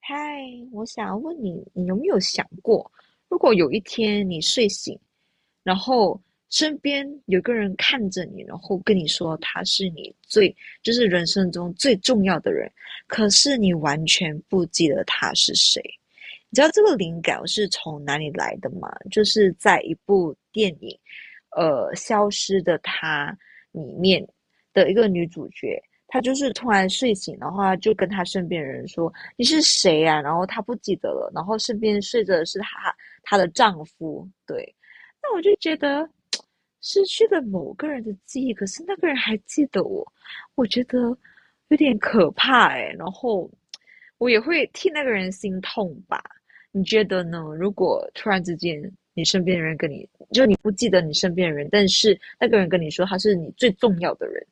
嗨，我想问你，你有没有想过，如果有一天你睡醒，然后身边有个人看着你，然后跟你说他是你最，就是人生中最重要的人，可是你完全不记得他是谁，你知道这个灵感是从哪里来的吗？就是在一部电影，《消失的她》里面的一个女主角，她就是突然睡醒，的话，就跟她身边的人说："你是谁啊？"然后她不记得了，然后身边睡着的是她的丈夫。对，那我就觉得失去了某个人的记忆，可是那个人还记得我，我觉得有点可怕然后我也会替那个人心痛吧。你觉得呢？如果突然之间你身边的人跟你，你不记得你身边的人，但是那个人跟你说他是你最重要的人。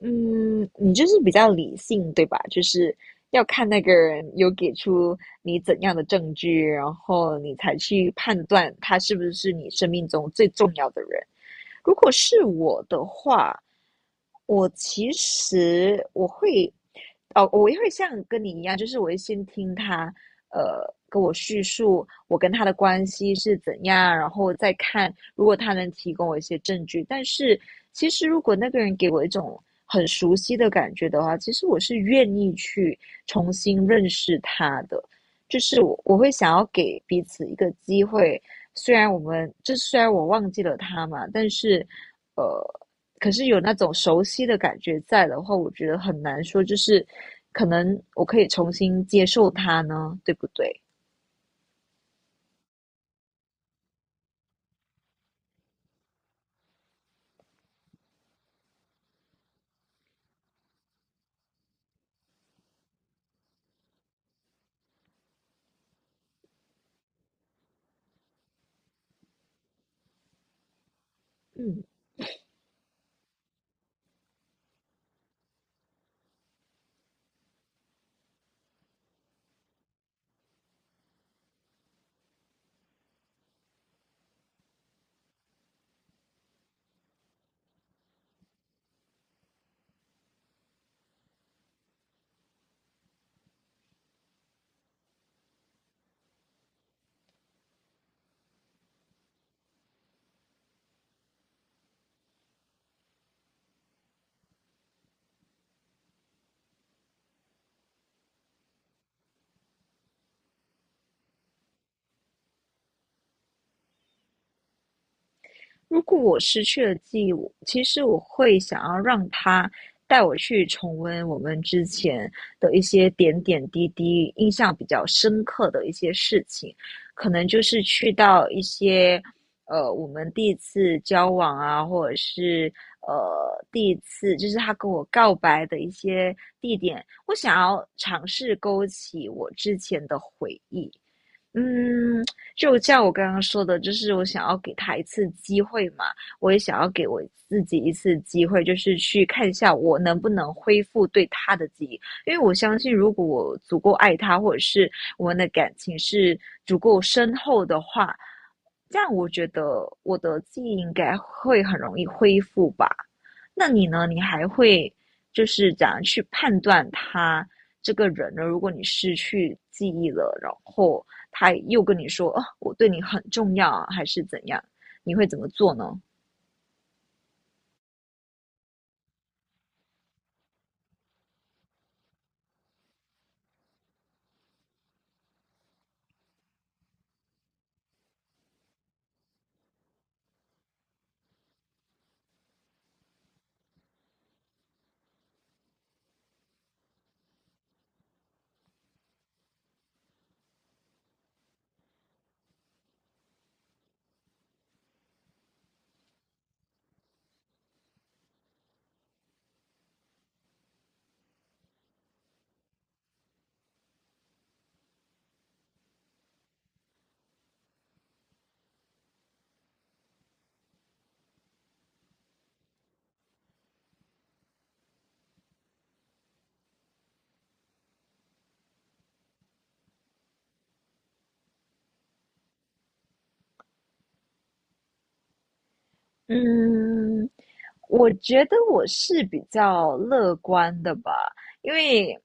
嗯，你就是比较理性，对吧？就是要看那个人有给出你怎样的证据，然后你才去判断他是不是你生命中最重要的人。如果是我的话，我其实我会，哦，我也会像跟你一样，就是我会先听他，跟我叙述我跟他的关系是怎样，然后再看如果他能提供我一些证据。但是其实如果那个人给我一种很熟悉的感觉的话，其实我是愿意去重新认识他的，就是我会想要给彼此一个机会，虽然我忘记了他嘛，呃，可是有那种熟悉的感觉在的话，我觉得很难说，就是可能我可以重新接受他呢，对不对？嗯。如果我失去了记忆，我其实我会想要让他带我去重温我们之前的一些点点滴滴，印象比较深刻的一些事情，可能就是去到一些我们第一次交往啊，或者是第一次就是他跟我告白的一些地点，我想要尝试勾起我之前的回忆。嗯，就像我刚刚说的，就是我想要给他一次机会嘛，我也想要给我自己一次机会，就是去看一下我能不能恢复对他的记忆，因为我相信，如果我足够爱他，或者是我们的感情是足够深厚的话，这样我觉得我的记忆应该会很容易恢复吧。那你呢？你还会就是怎样去判断他？这个人呢，如果你失去记忆了，然后他又跟你说，哦，我对你很重要啊，还是怎样，你会怎么做呢？嗯，我觉得我是比较乐观的吧，因为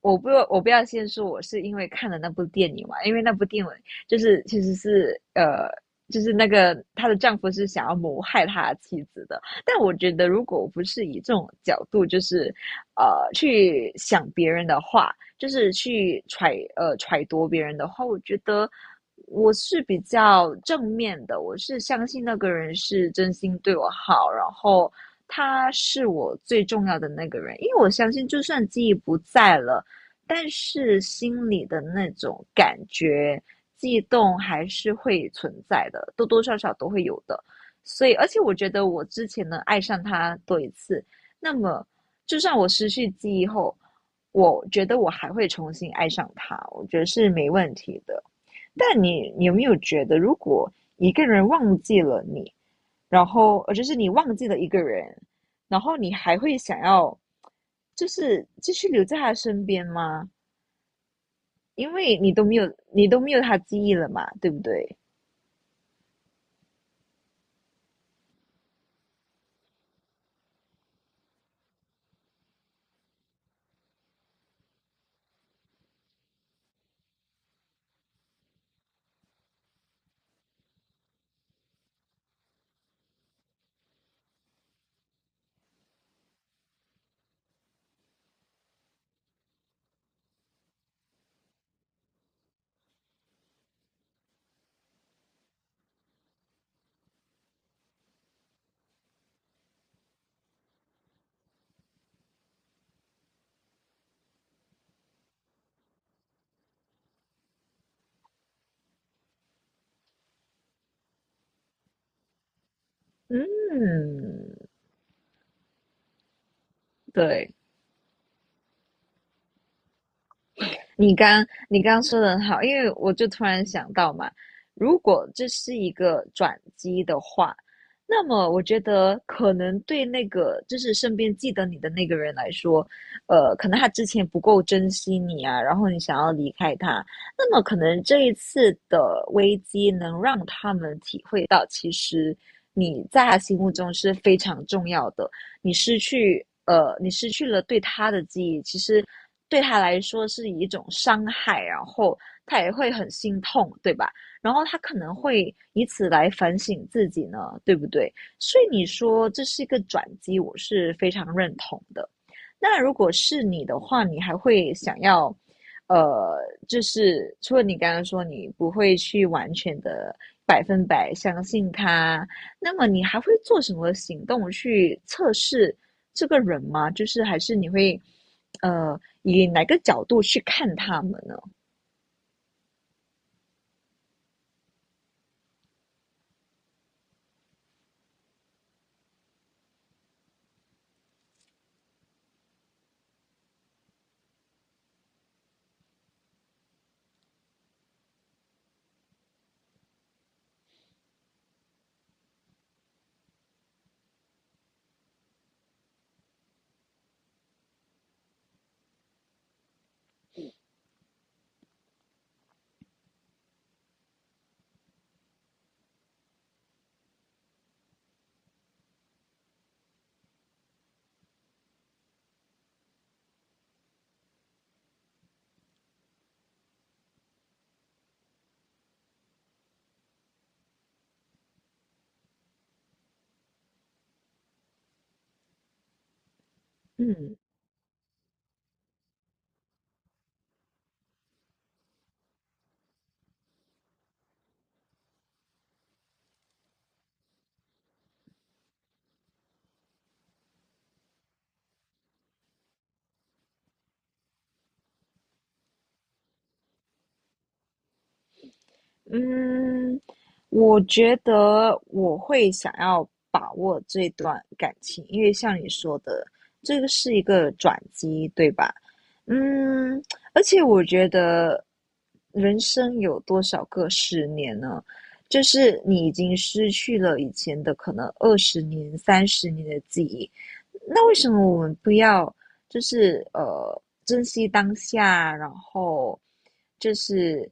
我不要先说我是因为看了那部电影嘛，因为那部电影就是其实是就是那个她的丈夫是想要谋害她妻子的，但我觉得如果不是以这种角度，就是去想别人的话，就是去揣度别人的话，我觉得我是比较正面的，我是相信那个人是真心对我好，然后他是我最重要的那个人，因为我相信就算记忆不在了，但是心里的那种感觉。悸动还是会存在的，多多少少都会有的。所以，而且我觉得我之前呢爱上他多一次，那么，就算我失去记忆后，我觉得我还会重新爱上他，我觉得是没问题的。但你有没有觉得，如果一个人忘记了你，然后就是你忘记了一个人，然后你还会想要，就是继续留在他身边吗？因为你都没有，你都没有他记忆了嘛，对不对？嗯，对。你刚说的很好，因为我就突然想到嘛，如果这是一个转机的话，那么我觉得可能对那个就是身边记得你的那个人来说，可能他之前不够珍惜你啊，然后你想要离开他，那么可能这一次的危机能让他们体会到，其实你在他心目中是非常重要的，你失去了对他的记忆，其实对他来说是一种伤害，然后他也会很心痛，对吧？然后他可能会以此来反省自己呢，对不对？所以你说这是一个转机，我是非常认同的。那如果是你的话，你还会想要，呃，就是除了你刚刚说你不会去完全的百分百相信他，那么你还会做什么行动去测试这个人吗？就是还是你会，以哪个角度去看他们呢？嗯嗯，我觉得我会想要把握这段感情，因为像你说的，这个是一个转机，对吧？嗯，而且我觉得人生有多少个十年呢？就是你已经失去了以前的可能20年、30年的记忆，那为什么我们不要就是珍惜当下，然后就是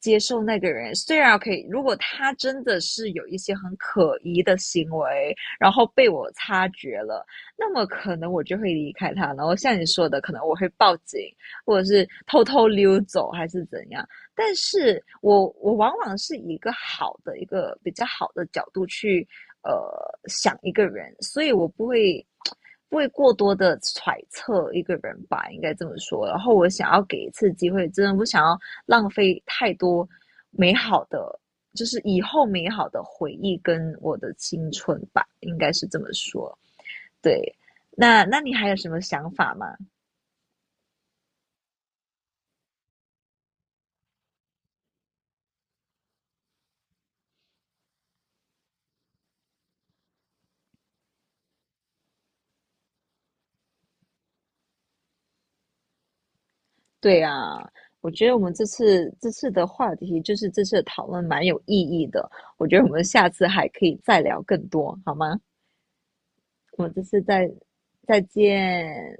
接受那个人。虽然可以，如果他真的是有一些很可疑的行为，然后被我察觉了，那么可能我就会离开他。然后像你说的，可能我会报警，或者是偷偷溜走，还是怎样。但是我往往是以一个比较好的角度去呃想一个人，所以我不会过多的揣测一个人吧，应该这么说。然后我想要给一次机会，真的不想要浪费太多美好的，就是以后美好的回忆跟我的青春吧，应该是这么说。对，那你还有什么想法吗？对呀，我觉得我们这次的话题就是这次的讨论蛮有意义的，我觉得我们下次还可以再聊更多，好吗？我们这次再见。